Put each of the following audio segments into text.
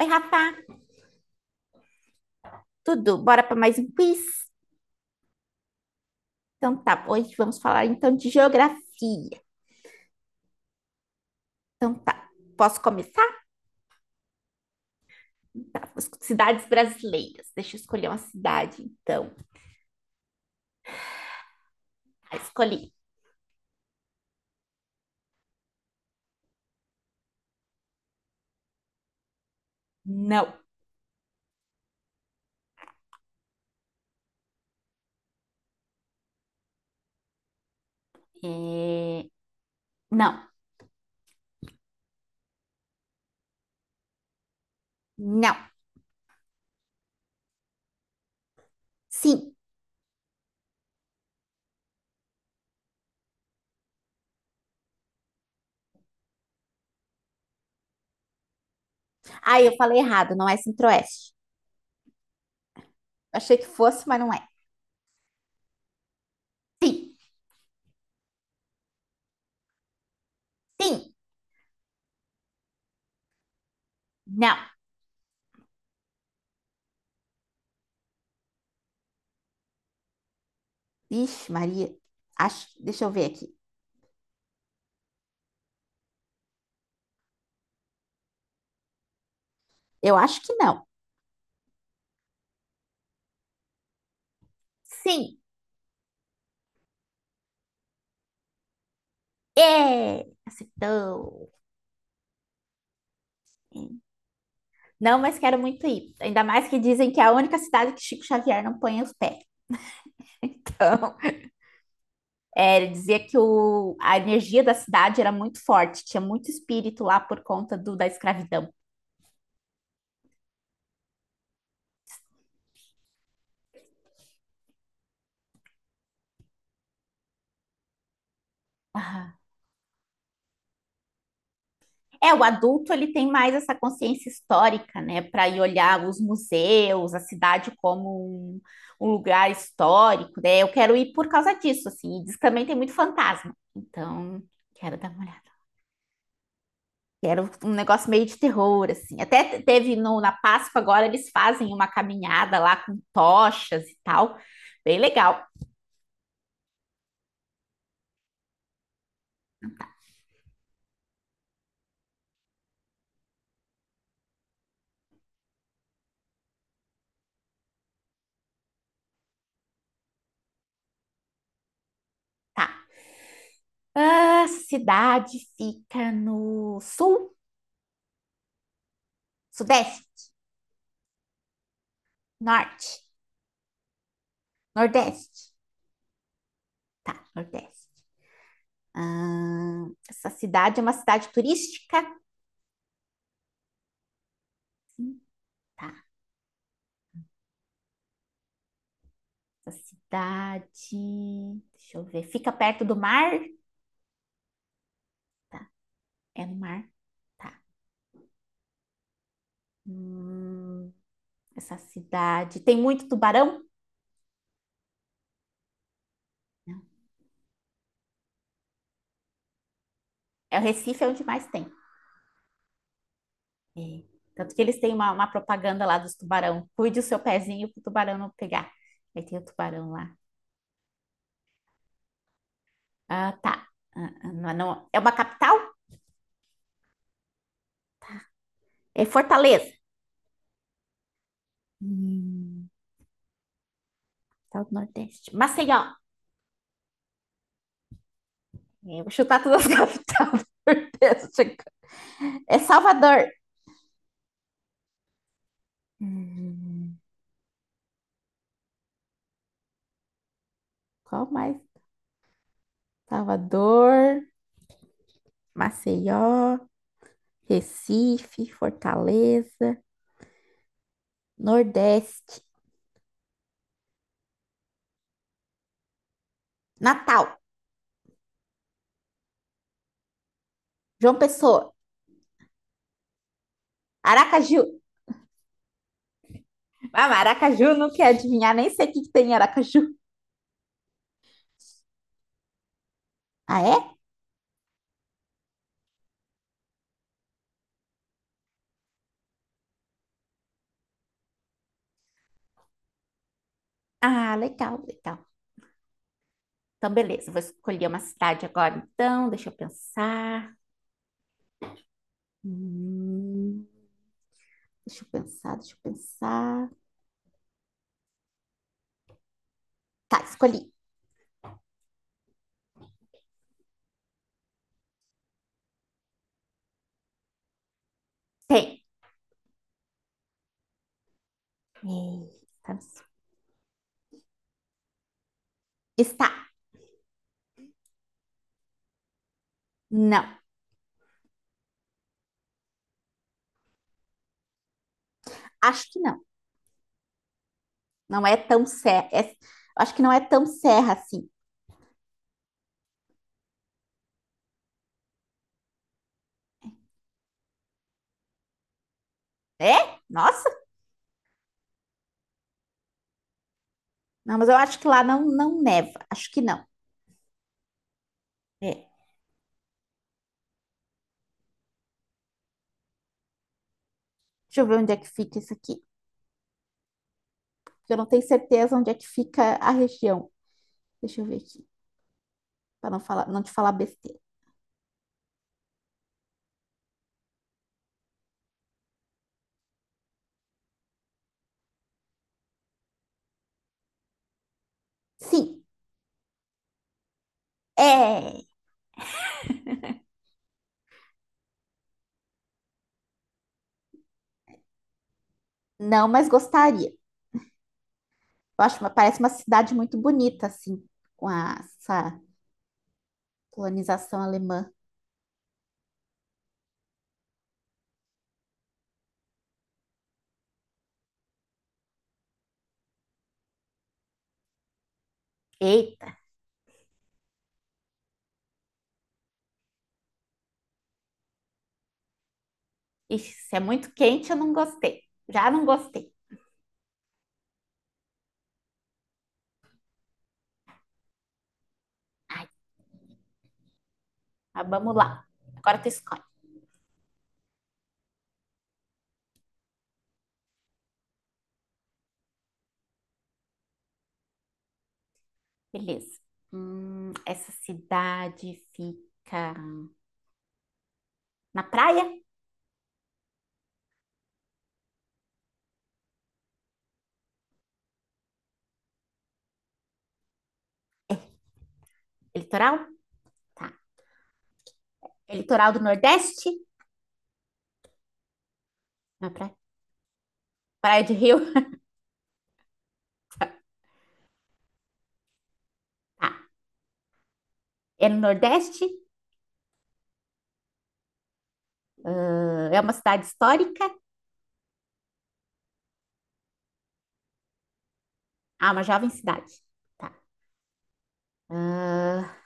Oi, Rafa, tudo? Bora para mais um quiz? Então tá, hoje vamos falar então de geografia. Então tá, posso começar? Tá, as cidades brasileiras. Deixa eu escolher uma cidade, então. Ah, escolhi. Não. É, não. Não. Sim. Ah, eu falei errado, não é Centro-Oeste. Eu achei que fosse, mas não é. Sim. Sim. Não. Vixe, Maria. Acho... Deixa eu ver aqui. Eu acho que não. Sim. É. Acertou. É. Não, mas quero muito ir. Ainda mais que dizem que é a única cidade que Chico Xavier não põe os pés. Então, é, ele dizia que o, a energia da cidade era muito forte, tinha muito espírito lá por conta do, da escravidão. Ah. É, o adulto ele tem mais essa consciência histórica, né, para ir olhar os museus, a cidade como um lugar histórico, né? Eu quero ir por causa disso, assim. E diz que também tem muito fantasma. Então, quero dar uma olhada. Que era um negócio meio de terror, assim. Até teve no, na Páscoa agora, eles fazem uma caminhada lá com tochas e tal. Bem legal, tá? A cidade fica no sul, sudeste, norte, nordeste. Tá, nordeste. Ah, essa cidade é uma cidade turística. Sim, tá. Essa cidade. Deixa eu ver. Fica perto do mar? Tá. É no mar? Tá. Hum, essa cidade. Tem muito tubarão? É o Recife é onde mais tem. É. Tanto que eles têm uma propaganda lá dos tubarão. Cuide o seu pezinho pro tubarão não pegar. Aí tem o tubarão lá. Ah, tá. Ah, ah, não, é, não. É uma capital? É Fortaleza. Hum, capital do Nordeste. Maceió. Eu vou chutar todas as capitais do Nordeste. É Salvador. Hum, qual mais? Salvador, Maceió, Recife, Fortaleza, Nordeste, Natal, João Pessoa, Aracaju. Ah, maracaju, não quer adivinhar, nem sei o que que tem em Aracaju. Ah, é? Ah, legal, legal. Então, beleza, vou escolher uma cidade agora, então, deixa eu pensar. Hum, deixa eu pensar, deixa eu pensar. Tá, escolhi. Tem. Eita, está. Não, acho que não. Não é tão serra. Acho que não é tão serra assim. É? Nossa! Não, mas eu acho que lá não, não neva. Acho que não. É. Deixa eu ver onde é que fica isso aqui. Eu não tenho certeza onde é que fica a região. Deixa eu ver aqui, para não falar, não te falar besteira. Sim, é. Não, mas gostaria. Eu acho, parece uma cidade muito bonita, assim, com essa colonização alemã. Eita, ixi, se é muito quente, eu não gostei. Já não gostei. Ai, mas vamos lá. Agora tu escolhe. Beleza. Essa cidade fica na praia? É litoral? Tá. É litoral do Nordeste? Na praia? Praia de Rio? Tá. É no Nordeste? Ah, é uma cidade histórica? Ah, uma jovem cidade. Tá. Ah,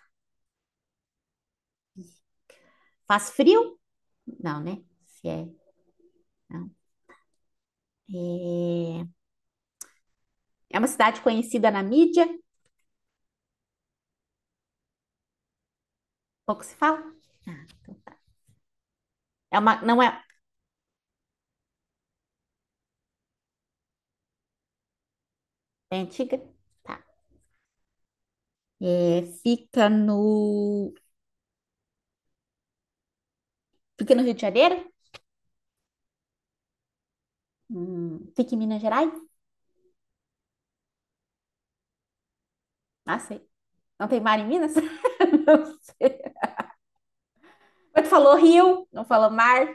faz frio? Não, né? Se é, não. É... é uma cidade conhecida na mídia? Pouco se fala? Ah, então. É uma, não é, é antiga? Tá. É, fica no Rio de Janeiro? Fica em Minas Gerais? Ah, sei. Não tem mar em Minas? Não sei. Mas tu falou rio, não falou mar.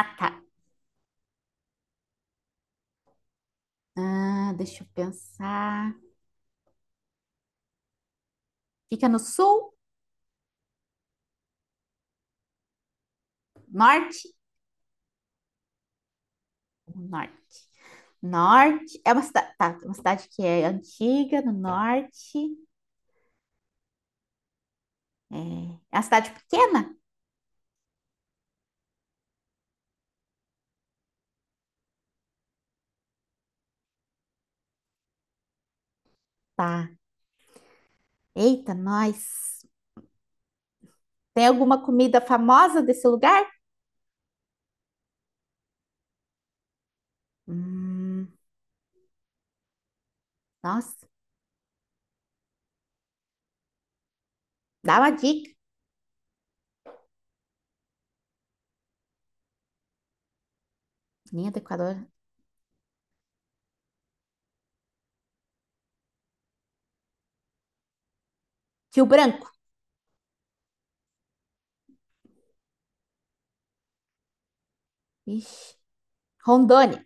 Ah, tá. Ah, deixa eu pensar. Fica no sul? Norte? Norte. Norte. É uma cidade, tá, uma cidade que é antiga, no norte. É, é uma cidade pequena? Tá. Eita, nós. Tem alguma comida famosa desse lugar? Hum, nossa, dá uma dica. Linha do Equador. Rio Branco. Ixi. Rondônia.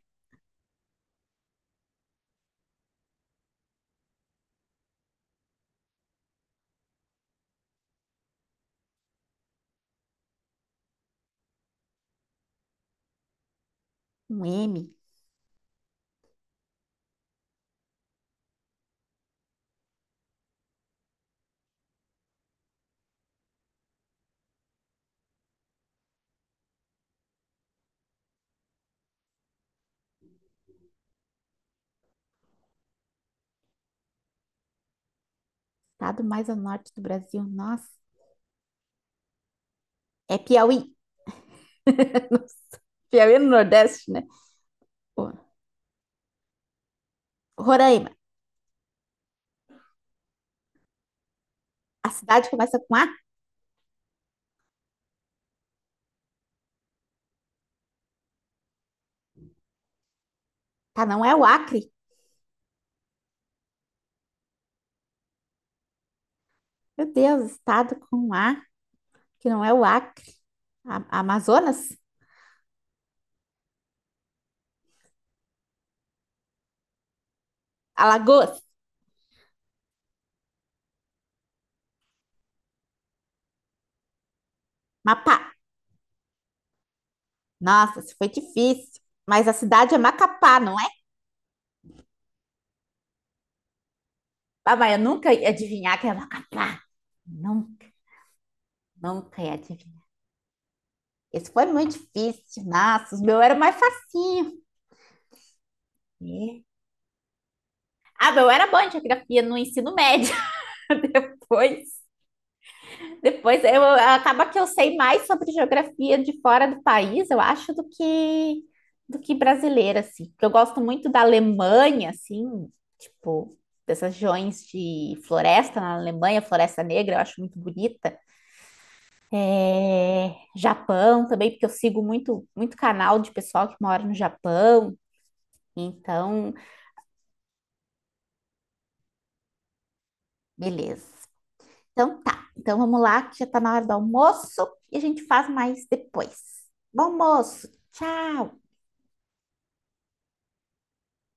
Um M. Estado mais ao norte do Brasil. Nossa. É Piauí. Piauí no Nordeste, né? Pô. Roraima. A cidade começa com A? Tá, não é o Acre. Meu Deus, estado com A, que não é o Acre. A- Amazonas? Alagoas? Mapá. Nossa, isso foi difícil. Mas a cidade é Macapá, não é? Ah, mas eu nunca ia adivinhar que é Macapá. Nunca, nunca ia adivinhar. Esse foi muito difícil. Nossa, o meu era mais facinho. É. Ah, meu era bom em geografia no ensino médio. Depois Depois eu acaba que eu sei mais sobre geografia de fora do país, eu acho, do que brasileira, assim. Porque eu gosto muito da Alemanha, assim, tipo, dessas regiões de floresta na Alemanha, Floresta Negra, eu acho muito bonita. É, Japão também, porque eu sigo muito, muito canal de pessoal que mora no Japão. Então, beleza. Então tá. Então vamos lá, que já tá na hora do almoço e a gente faz mais depois. Bom almoço. Tchau.